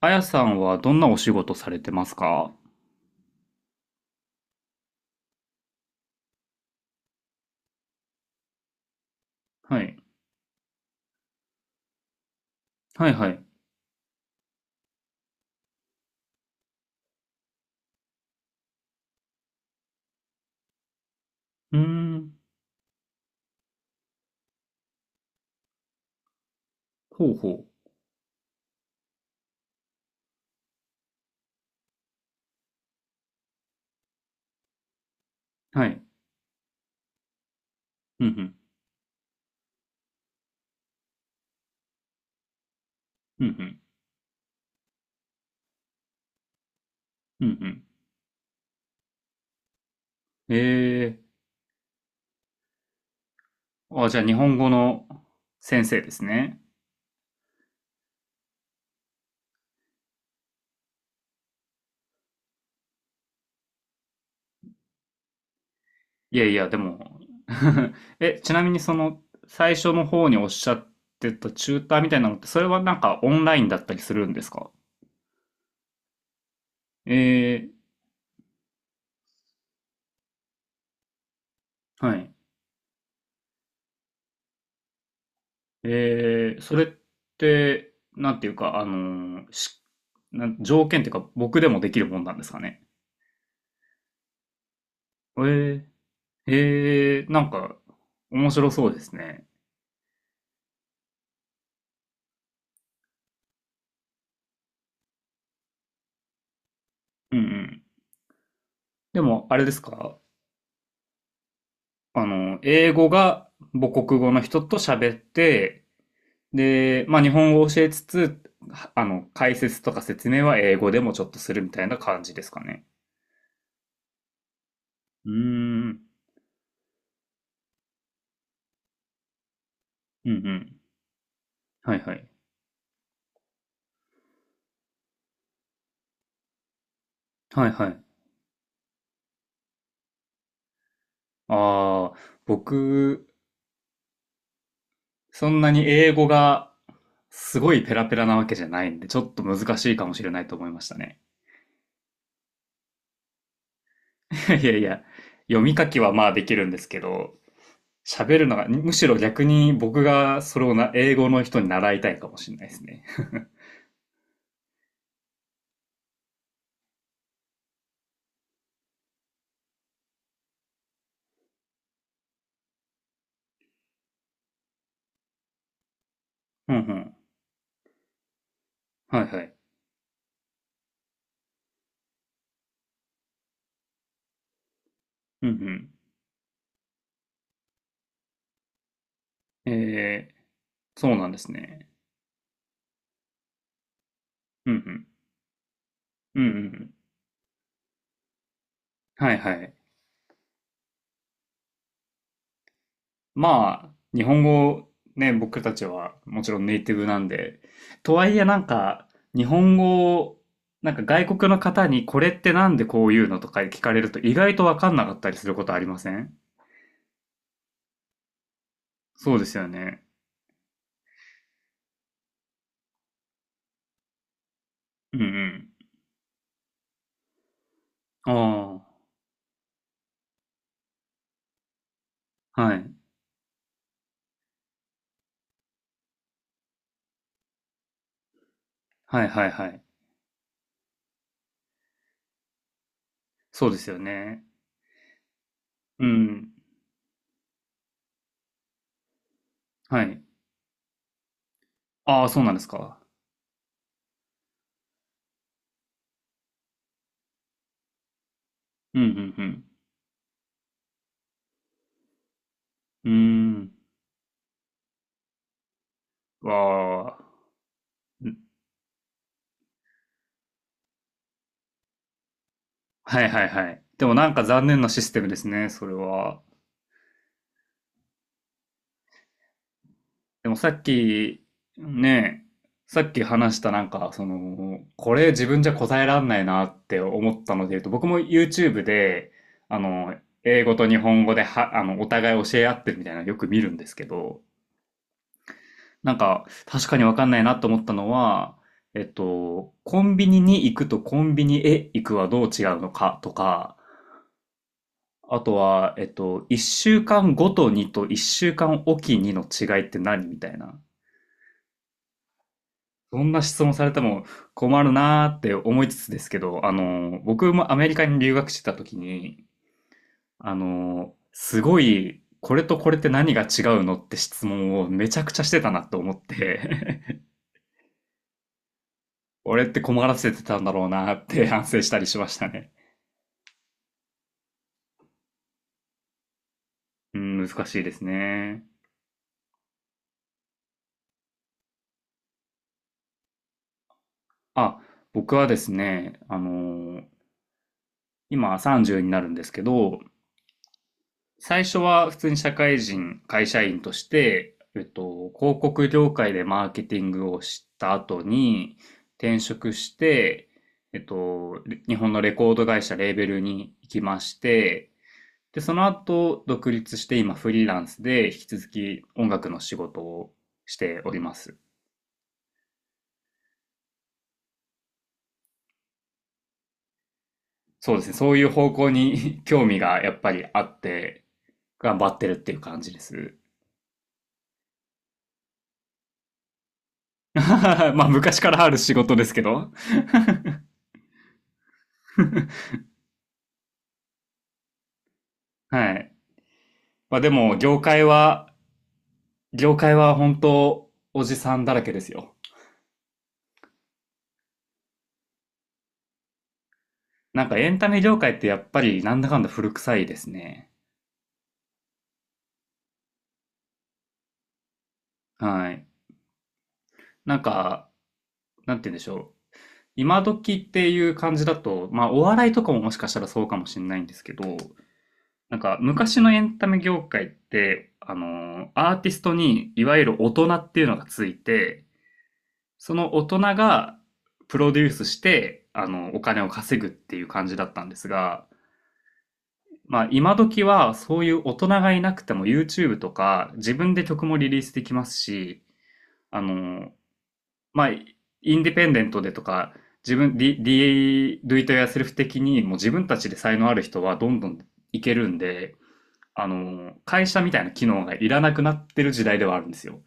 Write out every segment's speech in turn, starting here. あやさんはどんなお仕事されてますか？はい。はいはい。うーん。ほうほう。はい。うんうん。うんうん。うんうん。えー。あ、じゃあ日本語の先生ですね。いやいや、でも え、ちなみにその最初の方におっしゃってたチューターみたいなのって、それはなんかオンラインだったりするんですか？えー。はい。えー。それって、なんていうか、あのーしなん条件っていうか僕でもできるもんなんですかね？ええ、ええ、なんか、面白そうですね。うんうん。でも、あれですか？英語が母国語の人と喋って、で、まあ、日本語を教えつつ、解説とか説明は英語でもちょっとするみたいな感じですかね。うーん。うんうん。はいはい。はいはい。ああ、僕、そんなに英語がすごいペラペラなわけじゃないんで、ちょっと難しいかもしれないと思いましたね。いやいや、読み書きはまあできるんですけど、喋るのが、むしろ逆に僕がそれをな、英語の人に習いたいかもしれないですね。うんうん。はいはい。うんうん。えー、そうなんですね。うんうん。うんうん。はいはい。まあ、日本語、ね、僕たちはもちろんネイティブなんで、とはいえなんか、日本語を、なんか外国の方にこれってなんでこういうのとか聞かれると意外とわかんなかったりすることありません？そうですよね。うんうん。ああ、はい。はいはいはい。そうですよね。うん。はい。ああ、そうなんですか。うんうんうん。うーん。わあ。うん。はいはいはい。でもなんか残念なシステムですね、それは。でもさっき、ねえ、さっき話したなんか、その、これ自分じゃ答えらんないなって思ったので言うと、僕も YouTube で、あの、英語と日本語では、お互い教え合ってるみたいなのよく見るんですけど、なんか、確かにわかんないなと思ったのは、えっと、コンビニに行くとコンビニへ行くはどう違うのかとか、あとは、えっと、一週間ごとにと一週間おきにの違いって何みたいな。そんな質問されても困るなーって思いつつですけど、僕もアメリカに留学してた時に、すごい、これとこれって何が違うのって質問をめちゃくちゃしてたなと思って 俺って困らせてたんだろうなって 反省したりしましたね。うん、難しいですね。あ、僕はですね、今30になるんですけど、最初は普通に社会人、会社員として、えっと、広告業界でマーケティングをした後に転職して、えっと、日本のレコード会社レーベルに行きまして、で、その後独立して今フリーランスで引き続き音楽の仕事をしております。そうですね。そういう方向に 興味がやっぱりあって、頑張ってるっていう感じです。まあ、昔からある仕事ですけど。はい。まあ、でも、業界は本当、おじさんだらけですよ。なんかエンタメ業界ってやっぱりなんだかんだ古臭いですね。はい。なんか、なんて言うんでしょう。今時っていう感じだと、まあお笑いとかももしかしたらそうかもしれないんですけど、なんか昔のエンタメ業界って、アーティストにいわゆる大人っていうのがついて、その大人がプロデュースして、お金を稼ぐっていう感じだったんですが、まあ今時はそういう大人がいなくても YouTube とか自分で曲もリリースできますし、あのまあインディペンデントでとか、自分、Do It Yourself 的にもう自分たちで才能ある人はどんどんいけるんで、会社みたいな機能がいらなくなってる時代ではあるんですよ。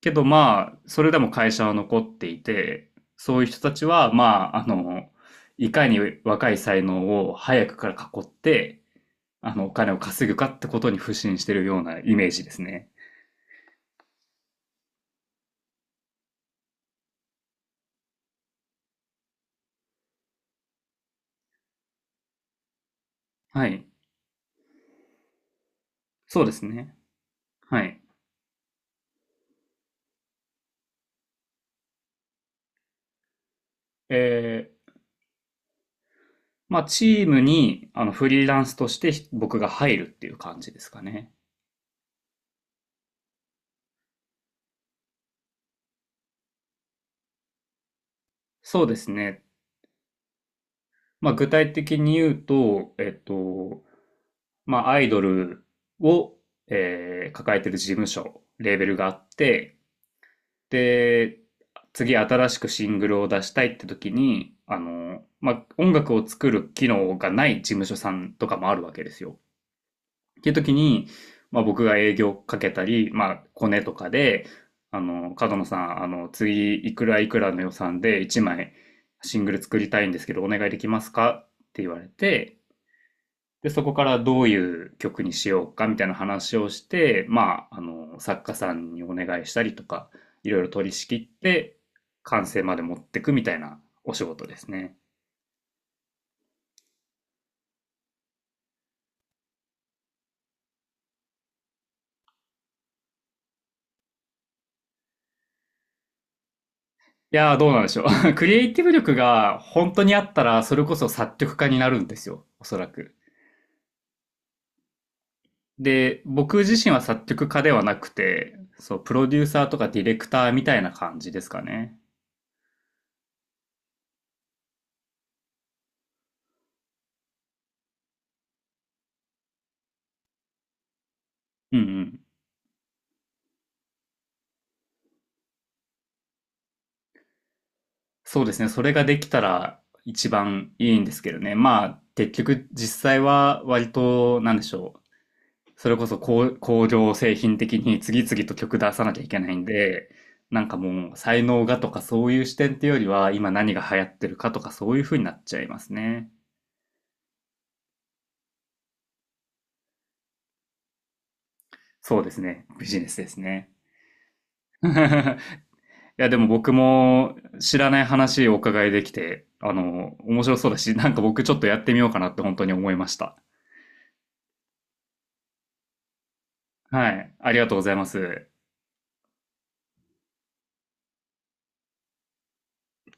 けどまあ、それでも会社は残っていて、そういう人たちは、まあ、いかに若い才能を早くから囲って、お金を稼ぐかってことに腐心してるようなイメージですね。はい。そうですね。はい。えー、まあ、チームに、フリーランスとして僕が入るっていう感じですかね。そうですね。まあ、具体的に言うと、えっと、まあ、アイドルを、抱えてる事務所、レーベルがあって、で、次新しくシングルを出したいって時に、まあ、音楽を作る機能がない事務所さんとかもあるわけですよ。っていう時に、まあ、僕が営業かけたり、まあ、コネとかで、角野さん、次、いくらいくらの予算で1枚シングル作りたいんですけど、お願いできますかって言われて、で、そこからどういう曲にしようかみたいな話をして、まあ、作家さんにお願いしたりとか、いろいろ取り仕切って、完成まで持ってくみたいなお仕事ですね。いやー、どうなんでしょう。クリエイティブ力が本当にあったら、それこそ作曲家になるんですよ、おそらく。で、僕自身は作曲家ではなくて、そう、プロデューサーとかディレクターみたいな感じですかね。うんうん。そうですね。それができたら一番いいんですけどね。まあ、結局実際は割と、なんでしょう。それこそ工業製品的に次々と曲出さなきゃいけないんで、なんかもう才能がとかそういう視点っていうよりは、今何が流行ってるかとかそういう風になっちゃいますね。そうですね。ビジネスですね。いや、でも僕も知らない話をお伺いできて、面白そうだし、なんか僕ちょっとやってみようかなって本当に思いました。はい。ありがとうございます。